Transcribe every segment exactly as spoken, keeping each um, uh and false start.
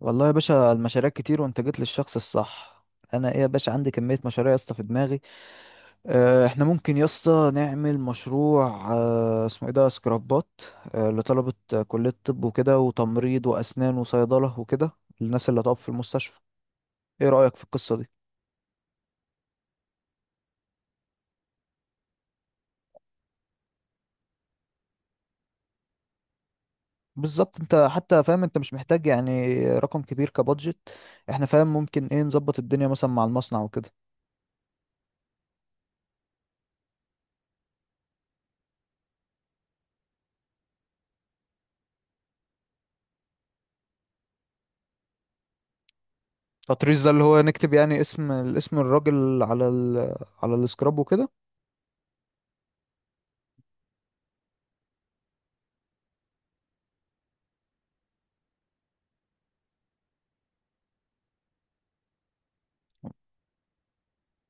والله يا باشا المشاريع كتير وانت جيت للشخص الصح. انا ايه يا باشا عندي كمية مشاريع يا اسطى في دماغي. اه احنا ممكن يا اسطى نعمل مشروع. اه اسمه ايه ده سكرابات. اه لطلبة، آه، كلية طب وكده وتمريض واسنان وصيدلة وكده. الناس اللي هتقف في المستشفى. ايه رأيك في القصة دي؟ بالظبط، انت حتى فاهم انت مش محتاج يعني رقم كبير كبادجت. احنا فاهم ممكن ايه نظبط الدنيا مثلا مع المصنع وكده. تطريز ده اللي هو نكتب يعني اسم اسم الراجل على ال... على السكراب وكده.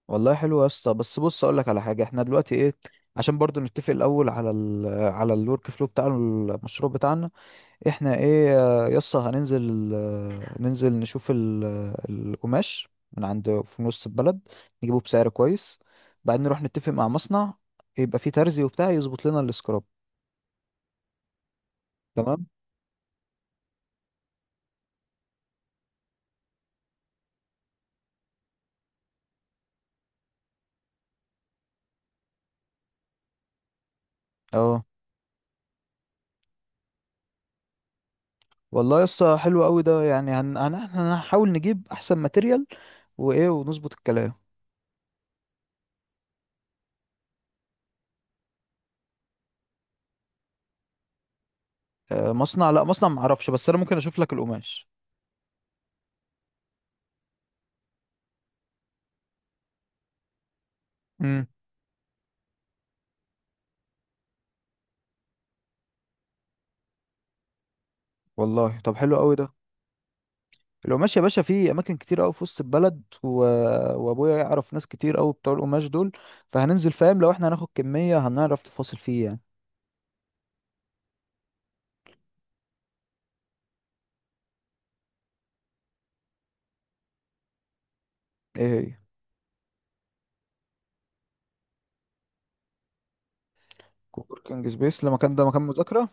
والله حلو يا اسطى، بس بص اقول لك على حاجه، احنا دلوقتي ايه؟ عشان برضو نتفق الاول على ال على الورك فلو بتاع المشروع بتاعنا. احنا ايه آه، يا اسطى هننزل، آه، ننزل نشوف ال- القماش من عند في نص البلد. نجيبه بسعر كويس. بعدين نروح نتفق مع مصنع يبقى فيه ترزي وبتاع يظبط لنا السكراب. تمام. اه والله يا اسطى حلو قوي ده، يعني هن... هن... هنحاول نجيب احسن ماتيريال وايه ونظبط الكلام. آه، مصنع لا، مصنع معرفش، بس انا ممكن اشوف لك القماش. والله طب حلو قوي ده. لو ماشي يا باشا في اماكن كتير قوي في وسط البلد و... وابويا يعرف ناس كتير قوي بتوع القماش دول. فهننزل فاهم لو احنا هناخد كمية هنعرف تفاصل فيه يعني. ايه هي؟ كووركينج سبيس المكان ده مكان مذاكرة؟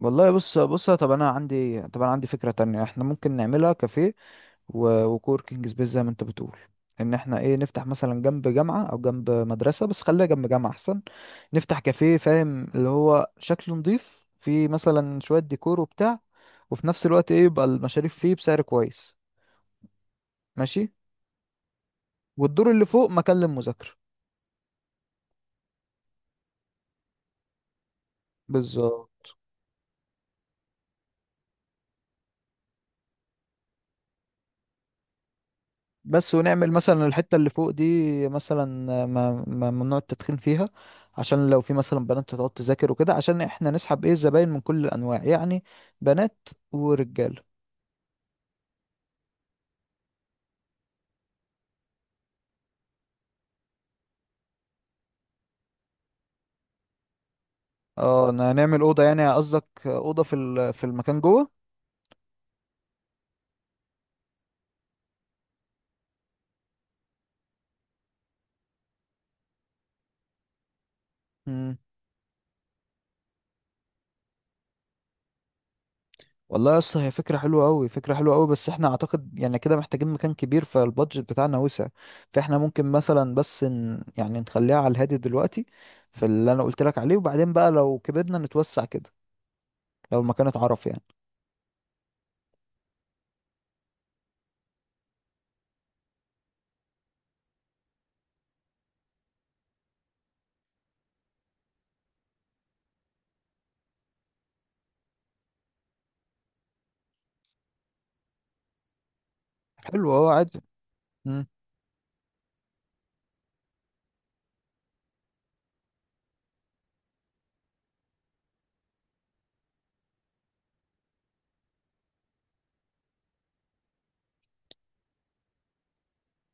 والله بص بص، طب انا عندي طب انا عندي فكرة تانية، احنا ممكن نعملها كافيه و- وكوركينج سبيس زي ما انت بتقول. ان احنا ايه نفتح مثلا جنب جامعة او جنب مدرسة، بس خليها جنب جامعة احسن. نفتح كافيه فاهم اللي هو شكله نضيف، فيه مثلا شوية ديكور وبتاع. وفي نفس الوقت ايه يبقى المشاريب فيه بسعر كويس. ماشي. والدور اللي فوق مكان للمذاكرة. بالظبط. بس ونعمل مثلا الحتة اللي فوق دي مثلا ما ما- ممنوع التدخين فيها. عشان لو في مثلا بنات تقعد تذاكر وكده، عشان احنا نسحب ايه زباين من كل الانواع يعني، بنات ورجال. اه إن هنعمل اوضه، يعني قصدك اوضه في ال- في المكان جوه. امم. والله يا اسطى هي فكره حلوه قوي، فكره حلوه قوي، بس احنا اعتقد يعني كده محتاجين مكان كبير، فالبادجت بتاعنا وسع. فاحنا ممكن مثلا بس ن... يعني نخليها على الهادي دلوقتي في اللي انا قلت لك عليه، وبعدين بقى لو كبرنا نتوسع كده لو المكان اتعرف يعني. حلو، اه عادي. امم.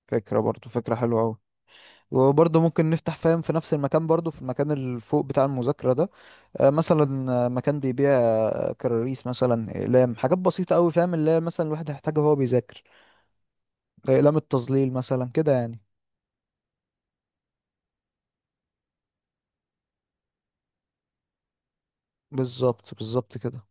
فكره برضو فكره حلوه قوي. وبرضه ممكن نفتح فاهم في نفس المكان، برضه في المكان اللي فوق بتاع المذاكرة ده، آه، مثلا آه، مكان بيبيع كراريس مثلا اقلام، حاجات بسيطه قوي فاهم اللي هي مثلا الواحد هيحتاجها وهو بيذاكر، اقلام التظليل مثلا كده يعني. بالظبط بالظبط كده.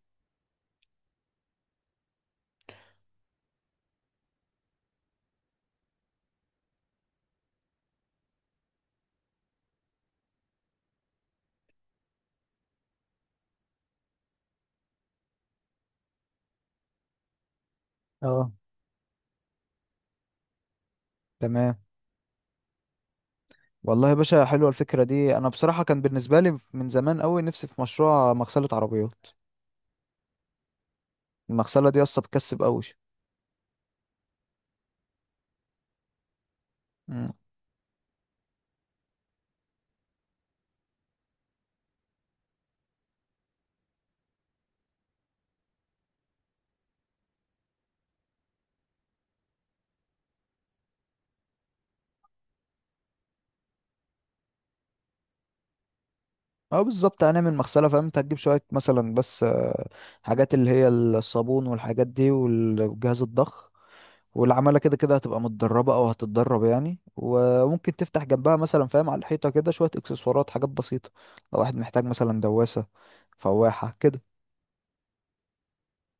اه تمام. والله يا باشا حلوه الفكره دي، انا بصراحه كان بالنسبه لي من زمان قوي نفسي في مشروع مغسله عربيات. المغسله دي اصلا بتكسب قوي. امم. اه، بالظبط، هنعمل مغسله فاهم، انت هتجيب شويه مثلا بس آه، حاجات اللي هي الصابون والحاجات دي والجهاز الضخ. والعمالة كده كده هتبقى متدربة أو هتتدرب يعني. وممكن تفتح جنبها مثلا فاهم على الحيطة كده شوية إكسسوارات، حاجات بسيطة. لو واحد محتاج مثلا دواسة، فواحة كده،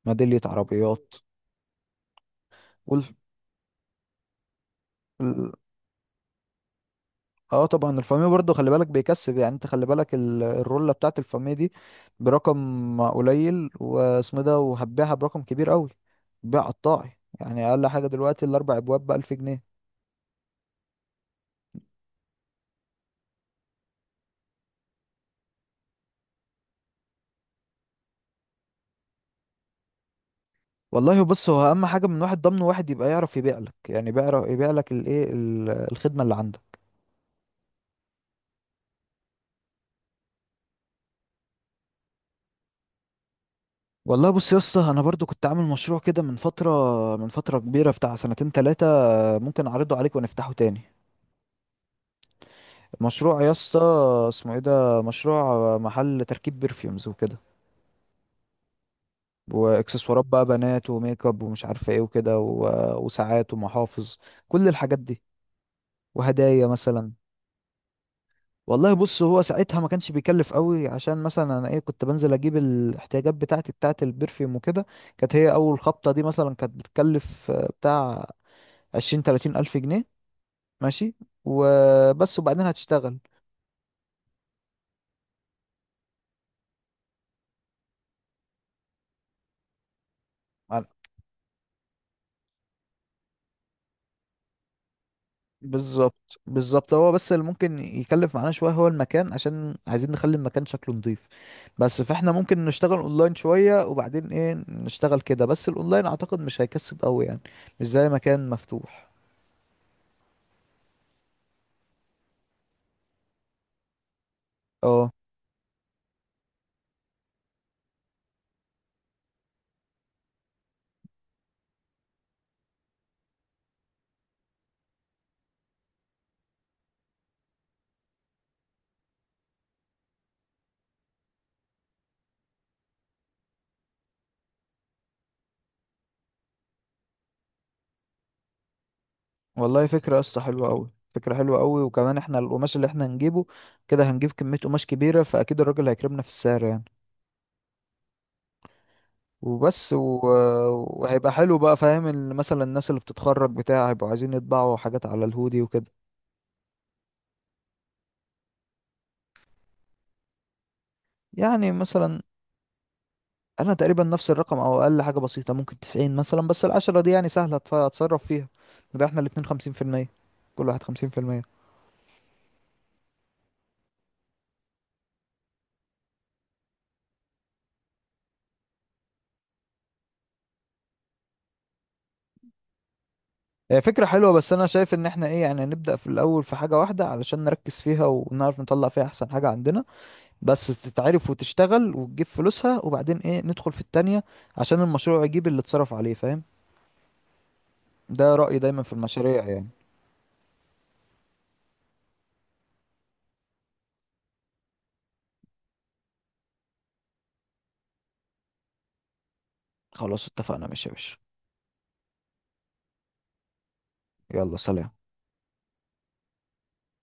ميدالية عربيات. وال... ال- اه طبعا الفاميه برضو خلي بالك بيكسب يعني، انت خلي بالك ال- الرولة بتاعت الفاميه دي برقم قليل واسمه ده وهتبيعها برقم كبير قوي. بيع قطاعي يعني اقل حاجة دلوقتي الاربع ابواب بألف جنيه. والله بص هو اهم حاجه من واحد ضمن واحد يبقى يعرف يبيع لك، يعني بيعرف يبيع لك الايه ال- الخدمه اللي عندك. والله بص يا اسطى انا برضو كنت عامل مشروع كده من فتره، من فتره كبيره، بتاع سنتين تلاتة. ممكن اعرضه عليك ونفتحه تاني. مشروع يا اسطى اسمه ايه ده؟ مشروع محل تركيب برفيومز وكده واكسسوارات بقى بنات وميك اب ومش عارفه ايه وكده و- وساعات ومحافظ، كل الحاجات دي، وهدايا مثلا. والله بص هو ساعتها ما كانش بيكلف قوي، عشان مثلا انا ايه كنت بنزل اجيب الاحتياجات بتاعتي بتاعت البرفيوم وكده. كانت هي اول خبطة دي مثلا كانت بتكلف آه، بتاع عشرين تلاتين الف جنيه ماشي وبس، وبعدين هتشتغل. على- بالظبط بالظبط، هو بس اللي ممكن يكلف معانا شوية هو المكان عشان عايزين نخلي المكان شكله نضيف. بس فاحنا ممكن نشتغل اونلاين شوية وبعدين ايه نشتغل كده، بس الاونلاين اعتقد مش هيكسب قوي يعني، مش زي مكان مفتوح. اه، والله فكرة يا اسطى حلوة أوي، فكرة حلوة أوي. وكمان احنا القماش اللي احنا هنجيبه كده هنجيب كمية قماش كبيرة فأكيد الراجل هيكرمنا في السعر يعني، وبس و... وهيبقى حلو بقى فاهم ال- مثلا الناس اللي بتتخرج بتاع هيبقوا عايزين يطبعوا حاجات على الهودي وكده. يعني مثلا أنا تقريبا نفس الرقم أو أقل حاجة بسيطة ممكن تسعين مثلا، بس العشرة دي يعني سهلة أتف- أتصرف فيها. نبقى احنا الاتنين خمسين في المية، كل واحد خمسين في المية. هي فكرة حلوة، بس أنا شايف إن احنا إيه يعني نبدأ في الأول في حاجة واحدة علشان نركز فيها ونعرف نطلع فيها أحسن حاجة عندنا. بس تتعرف وتشتغل وتجيب فلوسها، وبعدين ايه ندخل في التانية عشان المشروع يجيب اللي اتصرف عليه فاهم. ده رأيي دايما في المشاريع يعني. خلاص اتفقنا ماشي يا باشا. يلا سلام.